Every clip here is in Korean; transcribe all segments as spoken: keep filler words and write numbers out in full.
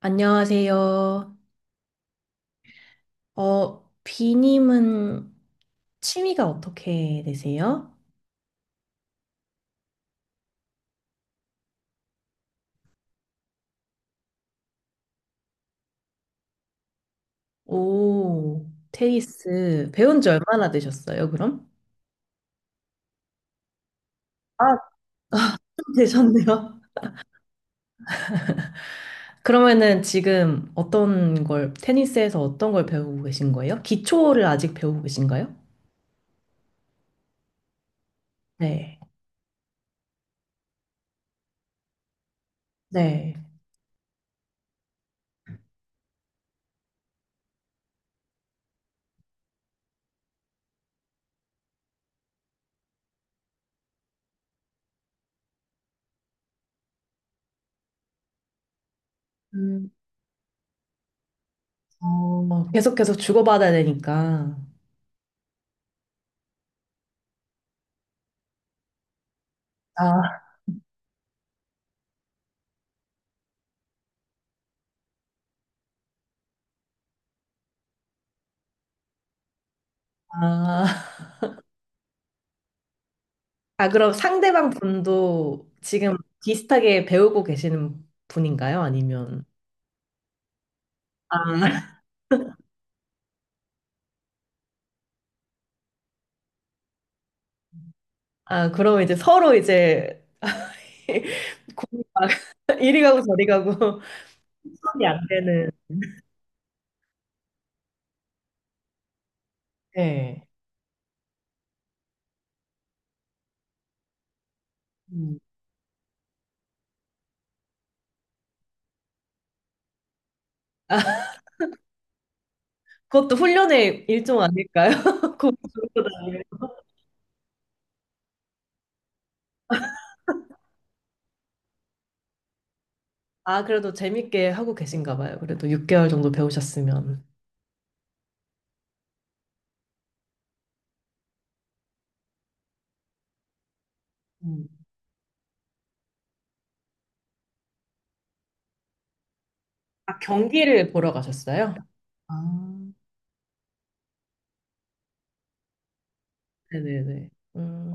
안녕하세요. 어, 비님은 취미가 어떻게 되세요? 오, 테니스 배운 지 얼마나 되셨어요, 그럼? 아, 좀 되셨네요. 그러면은 지금 어떤 걸, 테니스에서 어떤 걸 배우고 계신 거예요? 기초를 아직 배우고 계신가요? 네. 네. 음, 어, 계속해서 주고받아야 되니까. 아. 아, 아, 그럼 상대방 분도 지금 비슷하게 배우고 계시는 분인가요? 아니면 아, 아, 그럼 이제 서로 이제 공이 막 이리 가고 저리 가고 손이 안 되는 네. 음. 아, 그것도 훈련의 일종 아닐까요? 니 아, 그래도 재밌게 하고 계신가 봐요. 그래도 육 개월 정도 배우셨으면. 음. 아, 경기를 보러 가셨어요? 아, 네네네. 음,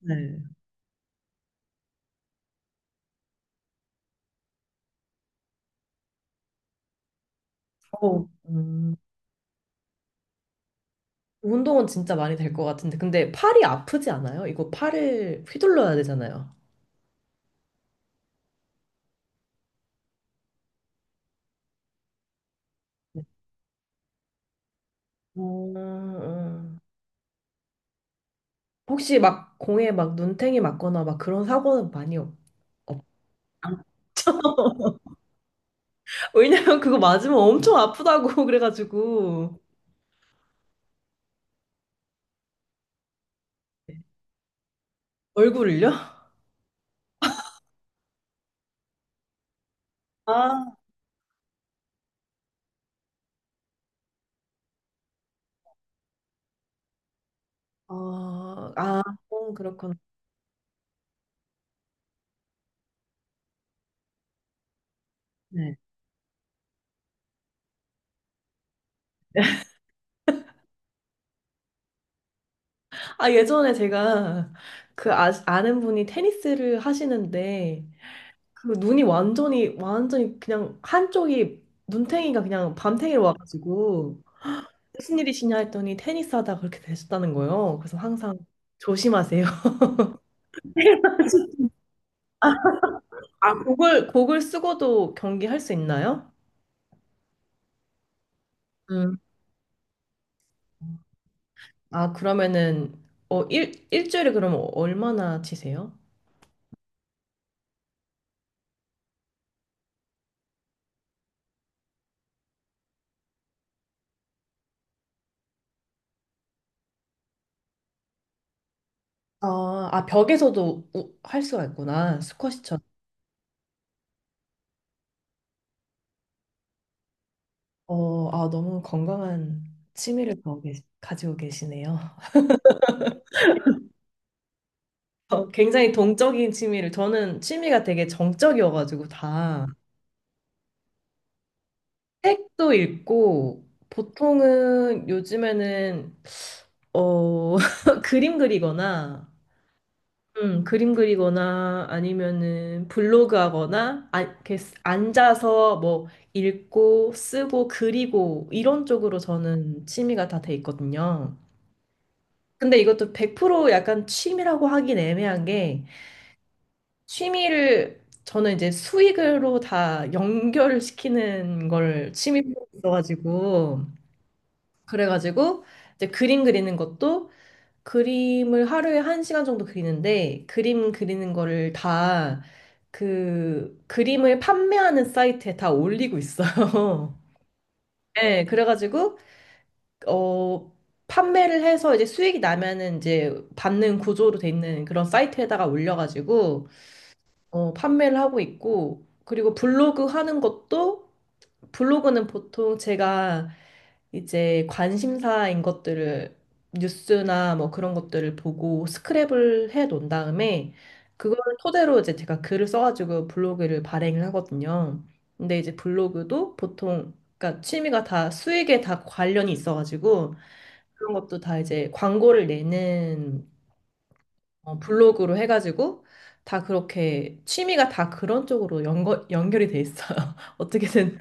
네. 어, 음. 운동은 진짜 많이 될 것 같은데. 근데 팔이 아프지 않아요? 이거 팔을 휘둘러야 되잖아요. 음, 음. 혹시 막 공에 막 눈탱이 맞거나 막 그런 사고는 많이 없, 없. 왜냐면 그거 맞으면 엄청 아프다고 그래가지고. 얼굴을요? 아, 어, 아, 어, 그렇구나. 네. 아, 예전에 제가 그 아, 아는 분이 테니스를 하시는데 그 눈이 완전히 완전히 그냥 한쪽이 눈탱이가 그냥 밤탱이로 와가지고 무슨 일이시냐 했더니 테니스 하다 그렇게 되셨다는 거예요. 그래서 항상 조심하세요. 아, 곡을 곡을 쓰고도 경기할 수 있나요? 음. 아, 그러면은 어, 일, 일주일에 그러면 얼마나 치세요? 아, 아 벽에서도 우- 할 수가 있구나. 스쿼시처럼. 어, 아, 너무 건강한 취미를 가지고 계시- 가지고 계시네요. 어, 굉장히 동적인 취미를 저는 취미가 되게 정적이어가지고 다 책도 읽고 보통은 요즘에는 어 그림 그리거나 음 그림 그리거나 아니면은 블로그 하거나 아, 이렇게 쓰- 앉아서 뭐 읽고 쓰고 그리고 이런 쪽으로 저는 취미가 다 돼 있거든요. 근데 이것도 백 퍼센트 약간 취미라고 하긴 애매한 게 취미를 저는 이제 수익으로 다 연결시키는 걸 취미로 있어가지고 그래가지고 이제 그림 그리는 것도 그림을 하루에 한 시간 정도 그리는데 그림 그리는 거를 다 그 그림을 판매하는 사이트에 다 올리고 있어요. 네, 그래가지고 어 판매를 해서 이제 수익이 나면은 이제 받는 구조로 돼 있는 그런 사이트에다가 올려가지고 어, 판매를 하고 있고, 그리고 블로그 하는 것도, 블로그는 보통 제가 이제 관심사인 것들을, 뉴스나 뭐 그런 것들을 보고 스크랩을 해 놓은 다음에, 그거를 토대로 이제 제가 글을 써가지고 블로그를 발행을 하거든요. 근데 이제 블로그도 보통, 그러니까 취미가 다 수익에 다 관련이 있어가지고, 그런 것도 다 이제 광고를 내는 어, 블로그로 해가지고 다 그렇게 취미가 다 그런 쪽으로 연거, 연결이 돼 있어요. 어떻게든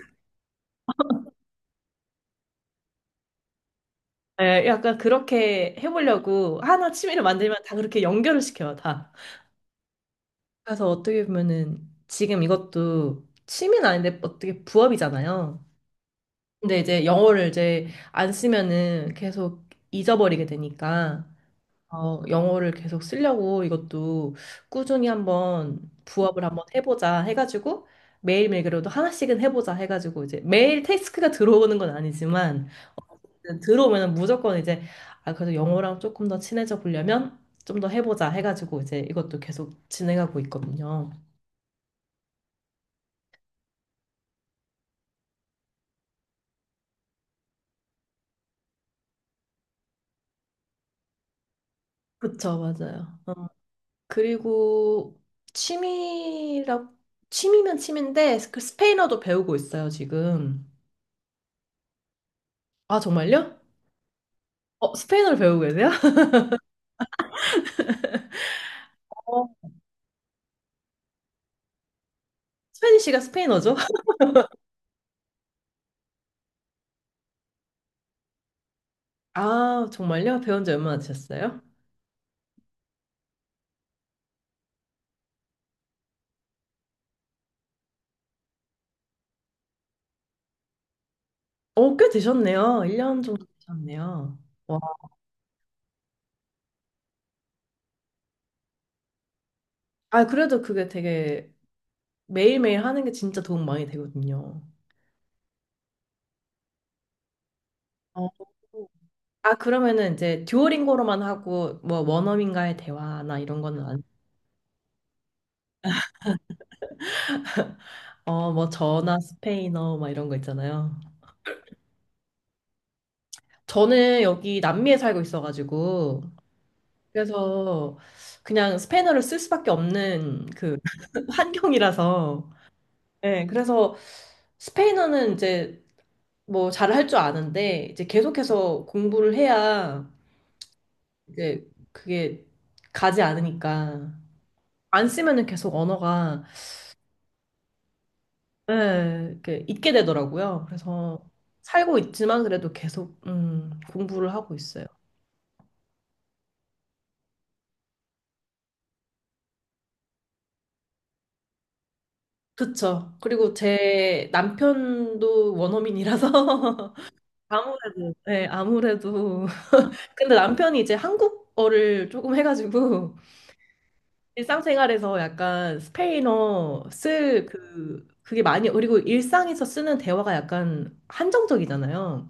예, 약간 그렇게 해보려고 하나 취미를 만들면 다 그렇게 연결을 시켜요, 다. 그래서 어떻게 보면은 지금 이것도 취미는 아닌데 어떻게 부업이잖아요. 근데 이제 영어를 이제 안 쓰면은 계속 잊어버리게 되니까. 어, 영어를 계속 쓰려고 이것도 꾸준히 한번 부업을 한번 해보자 해가지고 매일매일 그래도 하나씩은 해보자 해가지고 이제 매일 태스크가 들어오는 건 아니지만 어쨌든 들어오면 무조건 이제 아, 그래도 영어랑 조금 더 친해져 보려면 좀 더 해보자 해가지고 이제 이것도 계속 진행하고 있거든요. 그쵸, 맞아요. 어, 그리고 취미라, 취미면 취미인데 그 스페인어도 배우고 있어요, 지금. 아, 정말요? 어, 스페인어를 배우고 계세요? 어, 스페니쉬가 스페인어죠? 아, 정말요? 배운 지 얼마나 되셨어요? 어, 꽤 되셨네요. 일 년 정도 되셨네요. 와. 아, 그래도 그게 되게 매일매일 하는 게 진짜 도움 많이 되거든요. 어. 아, 그러면은 이제 듀오링고로만 하고 뭐 원어민과의 대화나 이런 거는 안, 어, 뭐 저나 스페인어 막 이런 거 있잖아요. 저는 여기 남미에 살고 있어가지고 그래서 그냥 스페인어를 쓸 수밖에 없는 그 환경이라서 네, 그래서 스페인어는 이제 뭐 잘 할 줄 아는데 이제 계속해서 공부를 해야 이제 그게 가지 않으니까 안 쓰면은 계속 언어가 네, 이렇게 잊게 되더라고요. 그래서 살고 있지만 그래도 계속 음, 공부를 하고 있어요. 그쵸. 그리고 제 남편도 원어민이라서 아무래도 네, 아무래도 근데 남편이 이제 한국어를 조금 해가지고 일상생활에서 약간 스페인어 쓸 그, 그게 많이, 그리고 일상에서 쓰는 대화가 약간 한정적이잖아요.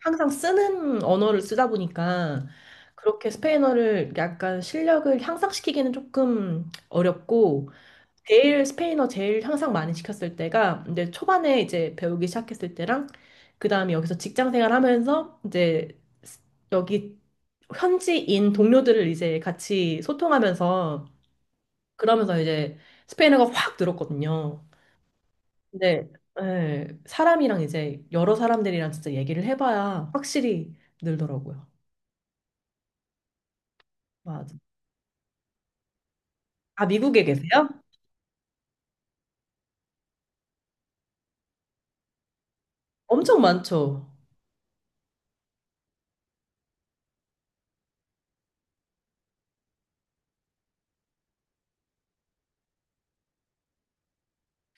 항상 쓰는 언어를 쓰다 보니까 그렇게 스페인어를 약간 실력을 향상시키기는 조금 어렵고, 제일 스페인어 제일 향상 많이 시켰을 때가 이제 초반에 이제 배우기 시작했을 때랑, 그 다음에 여기서 직장 생활 하면서 이제 여기 현지인 동료들을 이제 같이 소통하면서 그러면서 이제 스페인어가 확 늘었거든요. 근데 예, 사람이랑 이제 여러 사람들이랑 진짜 얘기를 해봐야 확실히 늘더라고요. 맞아. 아, 미국에 계세요? 엄청 많죠.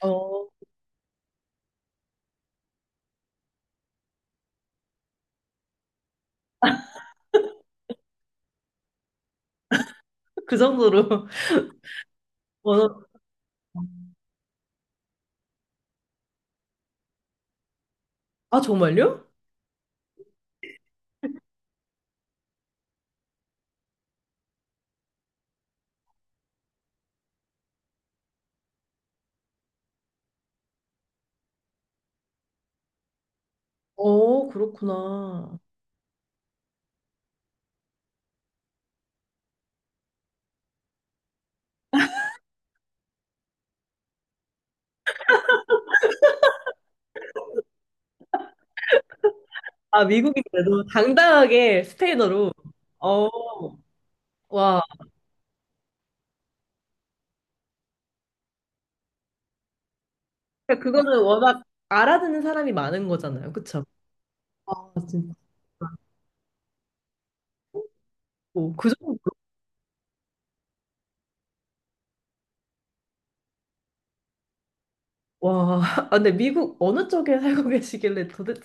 어, 그 정도로 언어. 아, 정말요? 어, 그렇구나. 아, 미국이 그래도 당당하게 스페인어로. 어, 와. 그러니까 그거는 워낙 알아듣는 사람이 많은 거잖아요. 그쵸? 아, 진짜. 오, 그 정도. 와, 아, 근데 미국 어느 쪽에 살고 계시길래 도대체,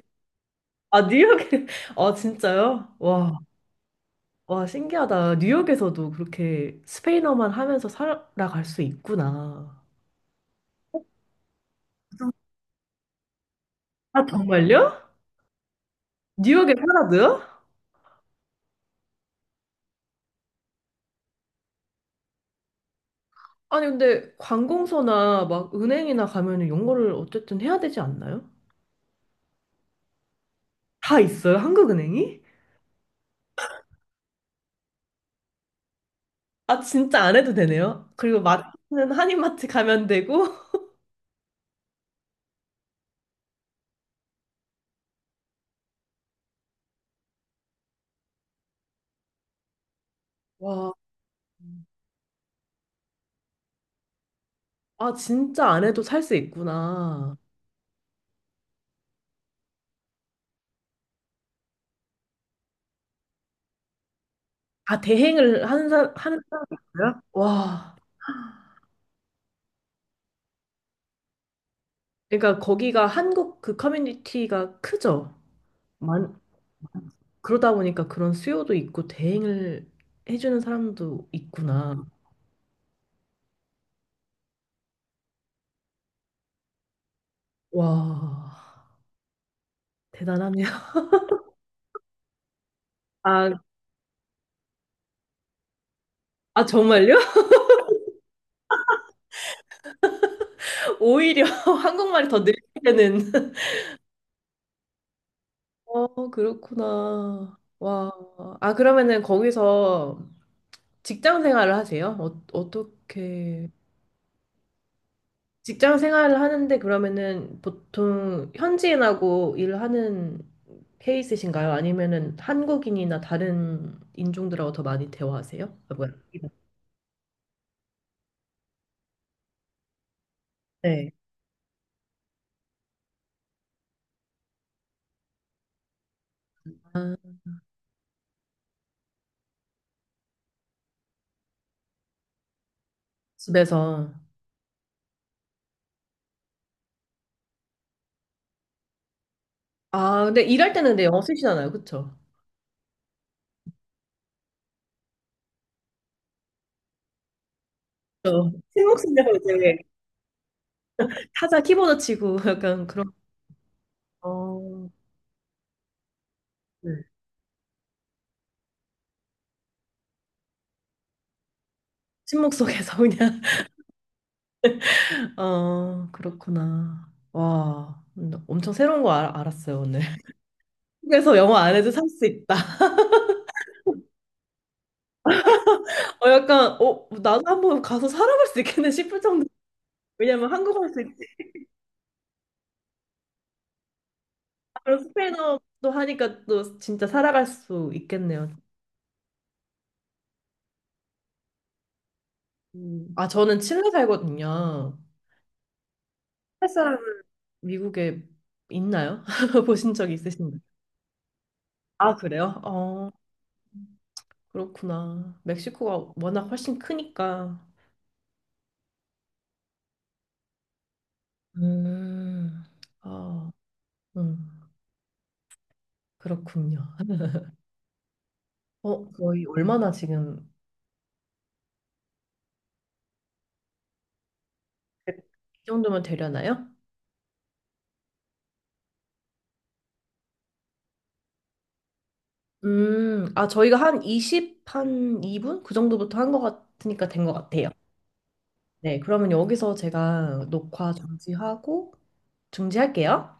아, 뉴욕에, 아, 진짜요? 와, 와, 신기하다. 뉴욕에서도 그렇게 스페인어만 하면서 살아갈 수 있구나. 아, 정말요? 뉴욕에 살아도요? 아니, 근데 관공서나 막 은행이나 가면은 영어를 어쨌든 해야 되지 않나요? 다 있어요, 한국은행이? 아, 진짜 안 해도 되네요. 그리고 마트는 한인마트 가면 되고, 와, 아, 진짜 안 해도 살 수 있구나. 아, 대행을 하는 사, 하는 사람이 있어요? 와. 그러니까 거기가 한국 그 커뮤니티가 크죠? 많, 그러다 보니까 그런 수요도 있고 대행을 해주는 사람도 있구나. 와, 대단하네요. 아, 아 정말요? 오히려 한국말이 더 늘리는. 어, 그렇구나. 와. 아, 그러면은 거기서 직장 생활을 하세요? 어, 어떻게 직장 생활을 하는데 그러면은 보통 현지인하고 일하는 케이스신가요? 아니면은 한국인이나 다른 인종들하고 더 많이 대화하세요? 아, 뭐야? 네. 아, 집에서. 아, 근데 일할 때는 근데 영어 쓰시잖아요. 그쵸? 저 침묵 속에서 이제 타자 키보드 치고 약간 그런, 어, 네. 침묵 속에서 그냥, 어, 그렇구나. 와, 엄청 새로운 거 알, 알았어요, 오늘. 한에서 영어 안 해도 살 수 있다. 어, 약간, 어, 나도 한번 가서 살아갈 수 있겠네 싶을 정도. 왜냐면 한국어할 수 있지. 그럼 스페인어도 하니까 또 진짜 살아갈 수 있겠네요. 음. 아, 저는 칠레 살거든요. 칠레 사람 미국에 있나요? 보신 적 있으신가요? 아, 그래요? 어, 그렇구나. 멕시코가 워낙 훨씬 크니까. 음, 아, 음, 그렇군요. 어, 거의 얼마나 지금, 이 정도면 되려나요? 음, 아, 저희가 한 이십, 한이 분 그 정도부터 한 것 같으니까 된 것 같아요. 네, 그러면 여기서 제가 녹화 중지하고, 중지할게요.